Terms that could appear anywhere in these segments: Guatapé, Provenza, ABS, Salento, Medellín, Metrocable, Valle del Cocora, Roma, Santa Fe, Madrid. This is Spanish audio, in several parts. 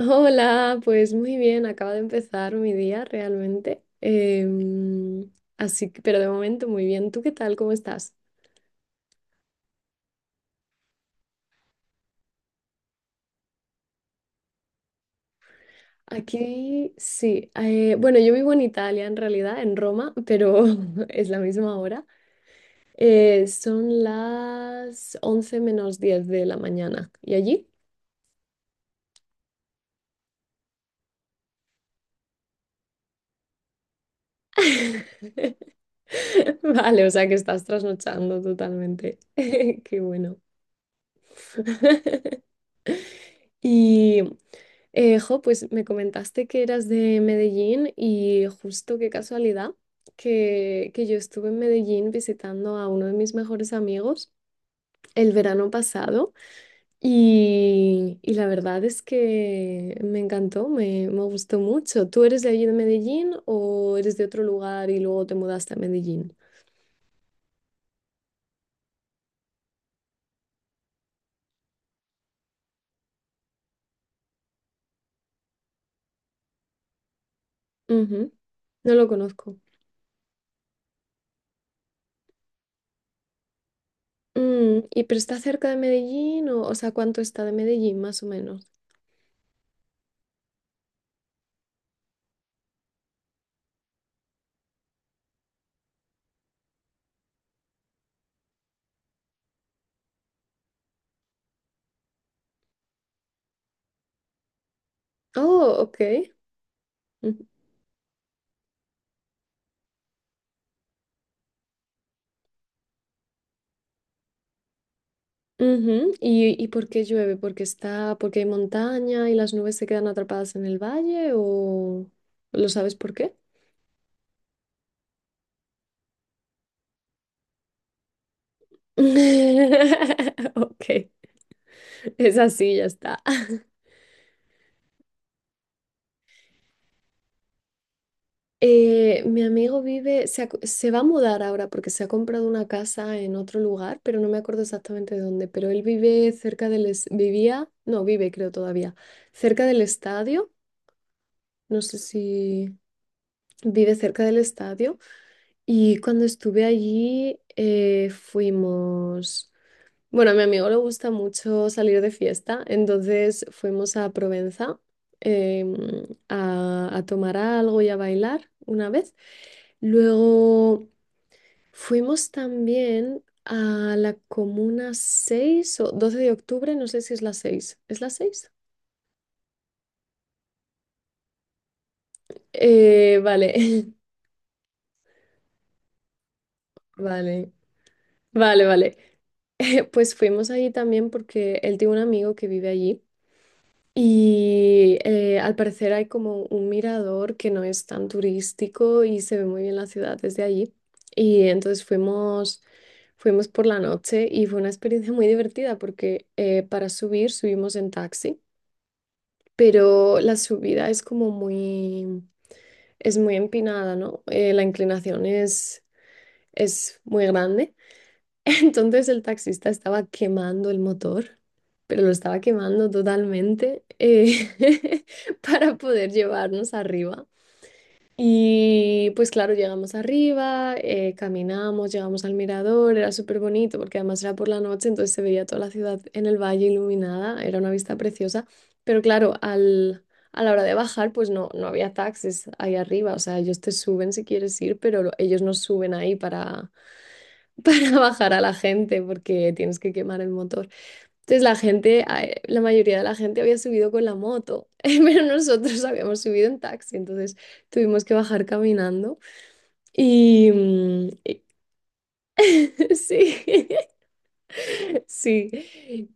Hola, pues muy bien, acaba de empezar mi día realmente. Así que, pero de momento muy bien. ¿Tú qué tal? ¿Cómo estás? Aquí sí. Bueno, yo vivo en Italia en realidad, en Roma, pero es la misma hora. Son las 10:50 de la mañana. ¿Y allí? Vale, o sea que estás trasnochando totalmente. Qué bueno. Y, jo, pues me comentaste que eras de Medellín y justo qué casualidad que yo estuve en Medellín visitando a uno de mis mejores amigos el verano pasado y la verdad es que me encantó, me gustó mucho. ¿Tú eres de allí de Medellín o eres de otro lugar y luego te mudaste a Medellín? Ujú. No lo conozco. ¿Y pero está cerca de Medellín o sea, cuánto está de Medellín más o menos? Oh, ok. Ujú. ¿Y por qué llueve? ¿Porque está, porque hay montaña y las nubes se quedan atrapadas en el valle o lo sabes por qué? Ok, es así, ya está. Mi amigo vive, se va a mudar ahora porque se ha comprado una casa en otro lugar, pero no me acuerdo exactamente de dónde, pero él vive cerca del, vivía, no, vive creo todavía, cerca del estadio, no sé si vive cerca del estadio. Y cuando estuve allí, fuimos, bueno, a mi amigo le gusta mucho salir de fiesta, entonces fuimos a Provenza em, a tomar algo y a bailar una vez. Luego fuimos también a la comuna 6 o 12 de octubre, no sé si es la seis. ¿Es la seis? Vale, vale, vale, vale. Pues fuimos allí también porque él tiene un amigo que vive allí. Y al parecer hay como un mirador que no es tan turístico y se ve muy bien la ciudad desde allí. Y entonces fuimos por la noche y fue una experiencia muy divertida porque para subir subimos en taxi, pero la subida es como muy, es muy empinada, ¿no? La inclinación es muy grande. Entonces el taxista estaba quemando el motor, pero lo estaba quemando totalmente para poder llevarnos arriba. Y pues claro, llegamos arriba, caminamos, llegamos al mirador, era súper bonito porque además era por la noche, entonces se veía toda la ciudad en el valle iluminada, era una vista preciosa, pero claro, a la hora de bajar pues no, no había taxis ahí arriba, o sea, ellos te suben si quieres ir, pero ellos no suben ahí para bajar a la gente porque tienes que quemar el motor. Entonces la gente, la mayoría de la gente había subido con la moto, pero nosotros habíamos subido en taxi, entonces tuvimos que bajar caminando y mm, y- sí. Sí,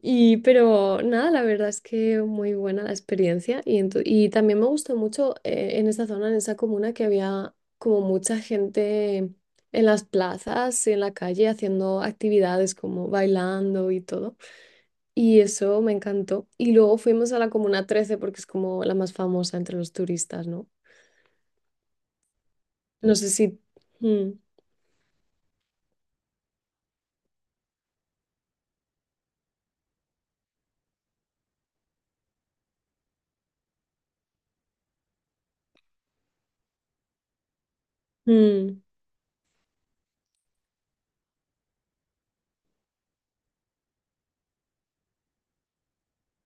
y pero nada, la verdad es que muy buena la experiencia y, y también me gustó mucho en esa zona, en esa comuna, que había como mucha gente en las plazas, y en la calle, haciendo actividades como bailando y todo. Y eso me encantó. Y luego fuimos a la comuna 13 porque es como la más famosa entre los turistas, ¿no? No sé si... Mm, mm.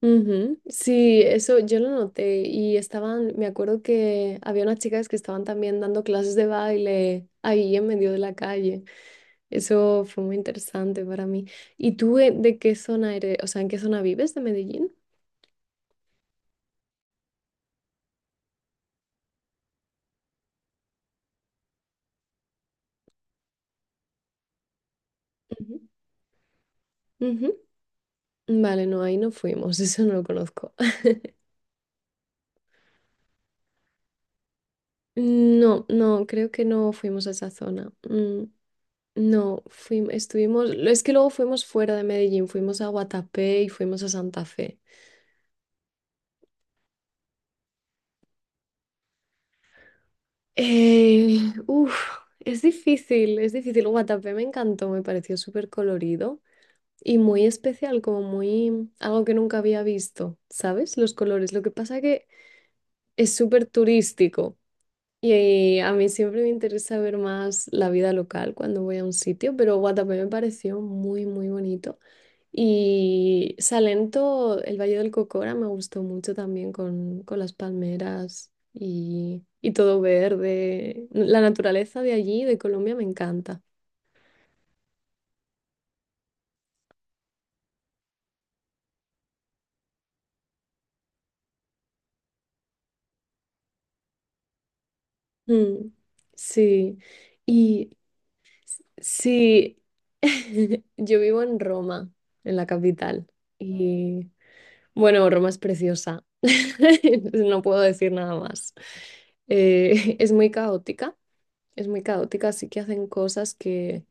Ujú. Sí, eso yo lo noté y estaban, me acuerdo que había unas chicas que estaban también dando clases de baile ahí en medio de la calle. Eso fue muy interesante para mí. ¿Y tú de qué zona eres? O sea, ¿en qué zona vives de Medellín? Ujú. Ujú. Vale, no, ahí no fuimos, eso no lo conozco. No, no, creo que no fuimos a esa zona. No, fuimos, estuvimos, es que luego fuimos fuera de Medellín, fuimos a Guatapé y fuimos a Santa Fe. Uf, es difícil, es difícil. Guatapé me encantó, me pareció súper colorido y muy especial, como muy algo que nunca había visto, ¿sabes? Los colores. Lo que pasa que es súper turístico y a mí siempre me interesa ver más la vida local cuando voy a un sitio, pero Guatapé me pareció muy, muy bonito. Y Salento, el Valle del Cocora, me gustó mucho también con, las palmeras y todo verde. La naturaleza de allí, de Colombia, me encanta. Mm, sí, y sí, yo vivo en Roma, en la capital. Y bueno, Roma es preciosa, no puedo decir nada más. Eh, es muy caótica, es muy caótica, así que hacen cosas que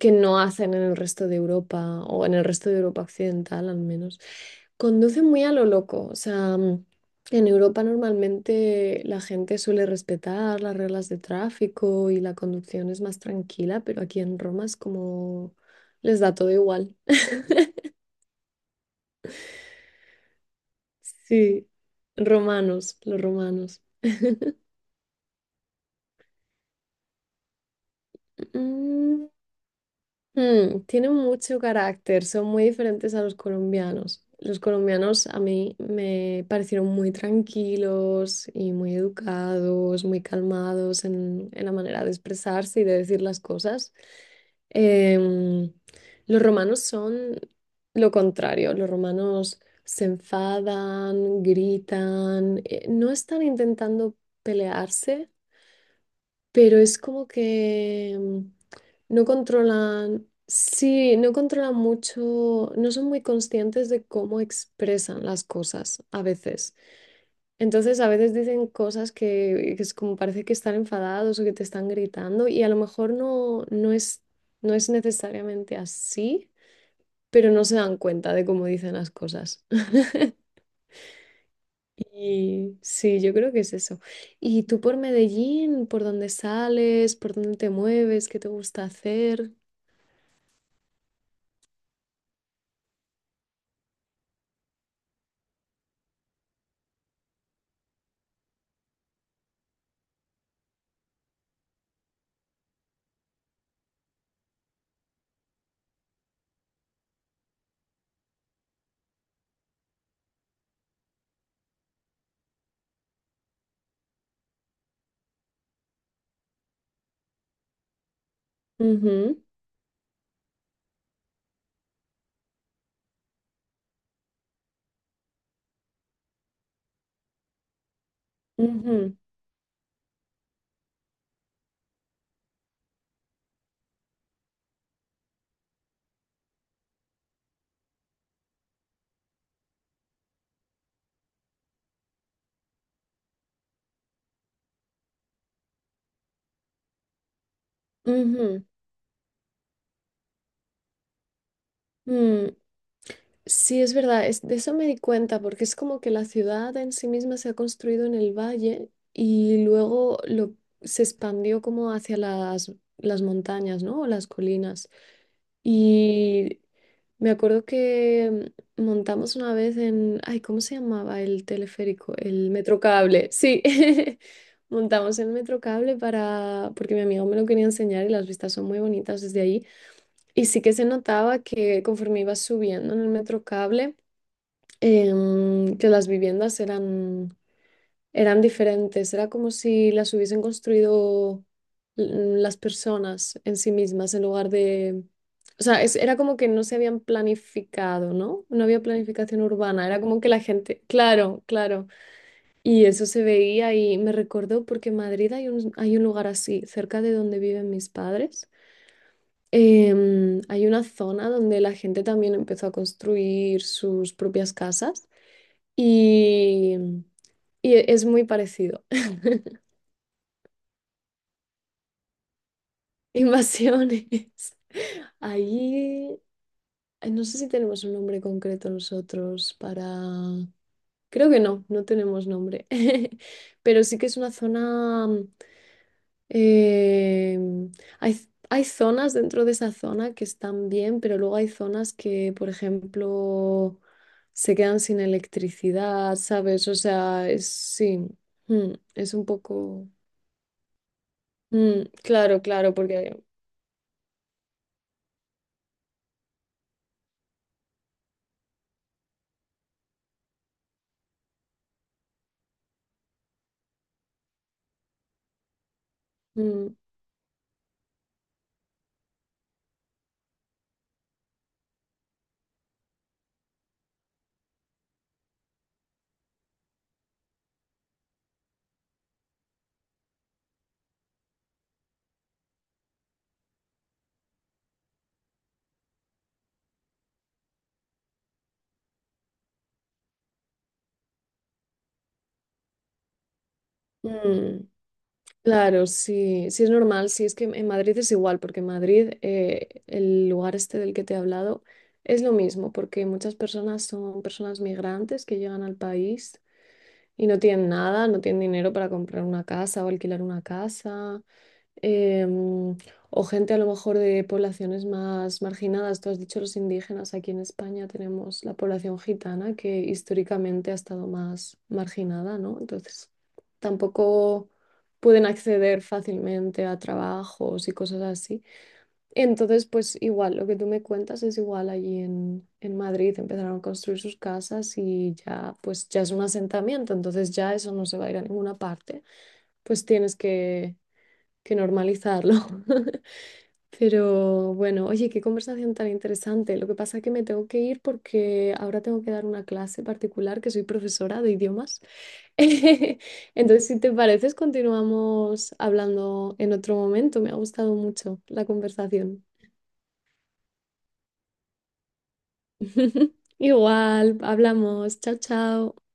que no hacen en el resto de Europa o en el resto de Europa occidental al menos. Conducen muy a lo loco, o sea, en Europa normalmente la gente suele respetar las reglas de tráfico y la conducción es más tranquila, pero aquí en Roma es como les da todo igual. Sí, romanos, los romanos. Mm. Tienen mucho carácter, son muy diferentes a los colombianos. Los colombianos a mí me parecieron muy tranquilos y muy educados, muy calmados en, la manera de expresarse y de decir las cosas. Em, los romanos son lo contrario, los romanos se enfadan, gritan, no están intentando pelearse pero es como que no controlan, sí, no controlan mucho, no son muy conscientes de cómo expresan las cosas a veces. Entonces a veces dicen cosas que es como parece que están enfadados o que te están gritando y a lo mejor no, no es, no es necesariamente así, pero no se dan cuenta de cómo dicen las cosas. Y sí, yo creo que es eso. ¿Y tú por Medellín, por dónde sales, por dónde te mueves, qué te gusta hacer? Ujú, ujú, ujú, mm. Sí, es verdad, de eso me di cuenta, porque es como que la ciudad en sí misma se ha construido en el valle y luego lo, se expandió como hacia las, montañas, ¿no? O las colinas. Y me acuerdo que montamos una vez en, ay, ¿cómo se llamaba el teleférico? El Metrocable, sí. Montamos el Metrocable para, porque mi amigo me lo quería enseñar y las vistas son muy bonitas desde ahí. Y sí que se notaba que conforme iba subiendo en el metro cable, que las viviendas eran diferentes. Era como si las hubiesen construido las personas en sí mismas en lugar de... O sea, era como que no se habían planificado, ¿no? No había planificación urbana. Era como que la gente... Claro, claro. Y eso se veía y me recordó porque en Madrid hay un lugar así, cerca de donde viven mis padres. Hay una zona donde la gente también empezó a construir sus propias casas y, y, es muy parecido. Invasiones. Allí, no sé si tenemos un nombre concreto nosotros para... Creo que no, no tenemos nombre. Pero sí que es una zona. Eh, hay, hay zonas dentro de esa zona que están bien, pero luego hay zonas que, por ejemplo, se quedan sin electricidad, ¿sabes? O sea, es, sí, es un poco... claro, claro, porque... mm, mm, claro, sí, sí es normal, sí es que en Madrid es igual, porque en Madrid, el lugar este del que te he hablado, es lo mismo, porque muchas personas son personas migrantes que llegan al país y no tienen nada, no tienen dinero para comprar una casa o alquilar una casa, em, o gente a lo mejor de poblaciones más marginadas. Tú has dicho los indígenas, aquí en España tenemos la población gitana que históricamente ha estado más marginada, ¿no? Entonces, tampoco pueden acceder fácilmente a trabajos y cosas así. Entonces, pues igual, lo que tú me cuentas es igual allí en, Madrid, empezaron a construir sus casas y ya, pues ya es un asentamiento, entonces ya eso no se va a ir a ninguna parte, pues tienes que normalizarlo. Pero bueno, oye, qué conversación tan interesante. Lo que pasa es que me tengo que ir porque ahora tengo que dar una clase particular, que soy profesora de idiomas. Entonces, si te pareces, continuamos hablando en otro momento. Me ha gustado mucho la conversación. Igual, hablamos. Chao, chao.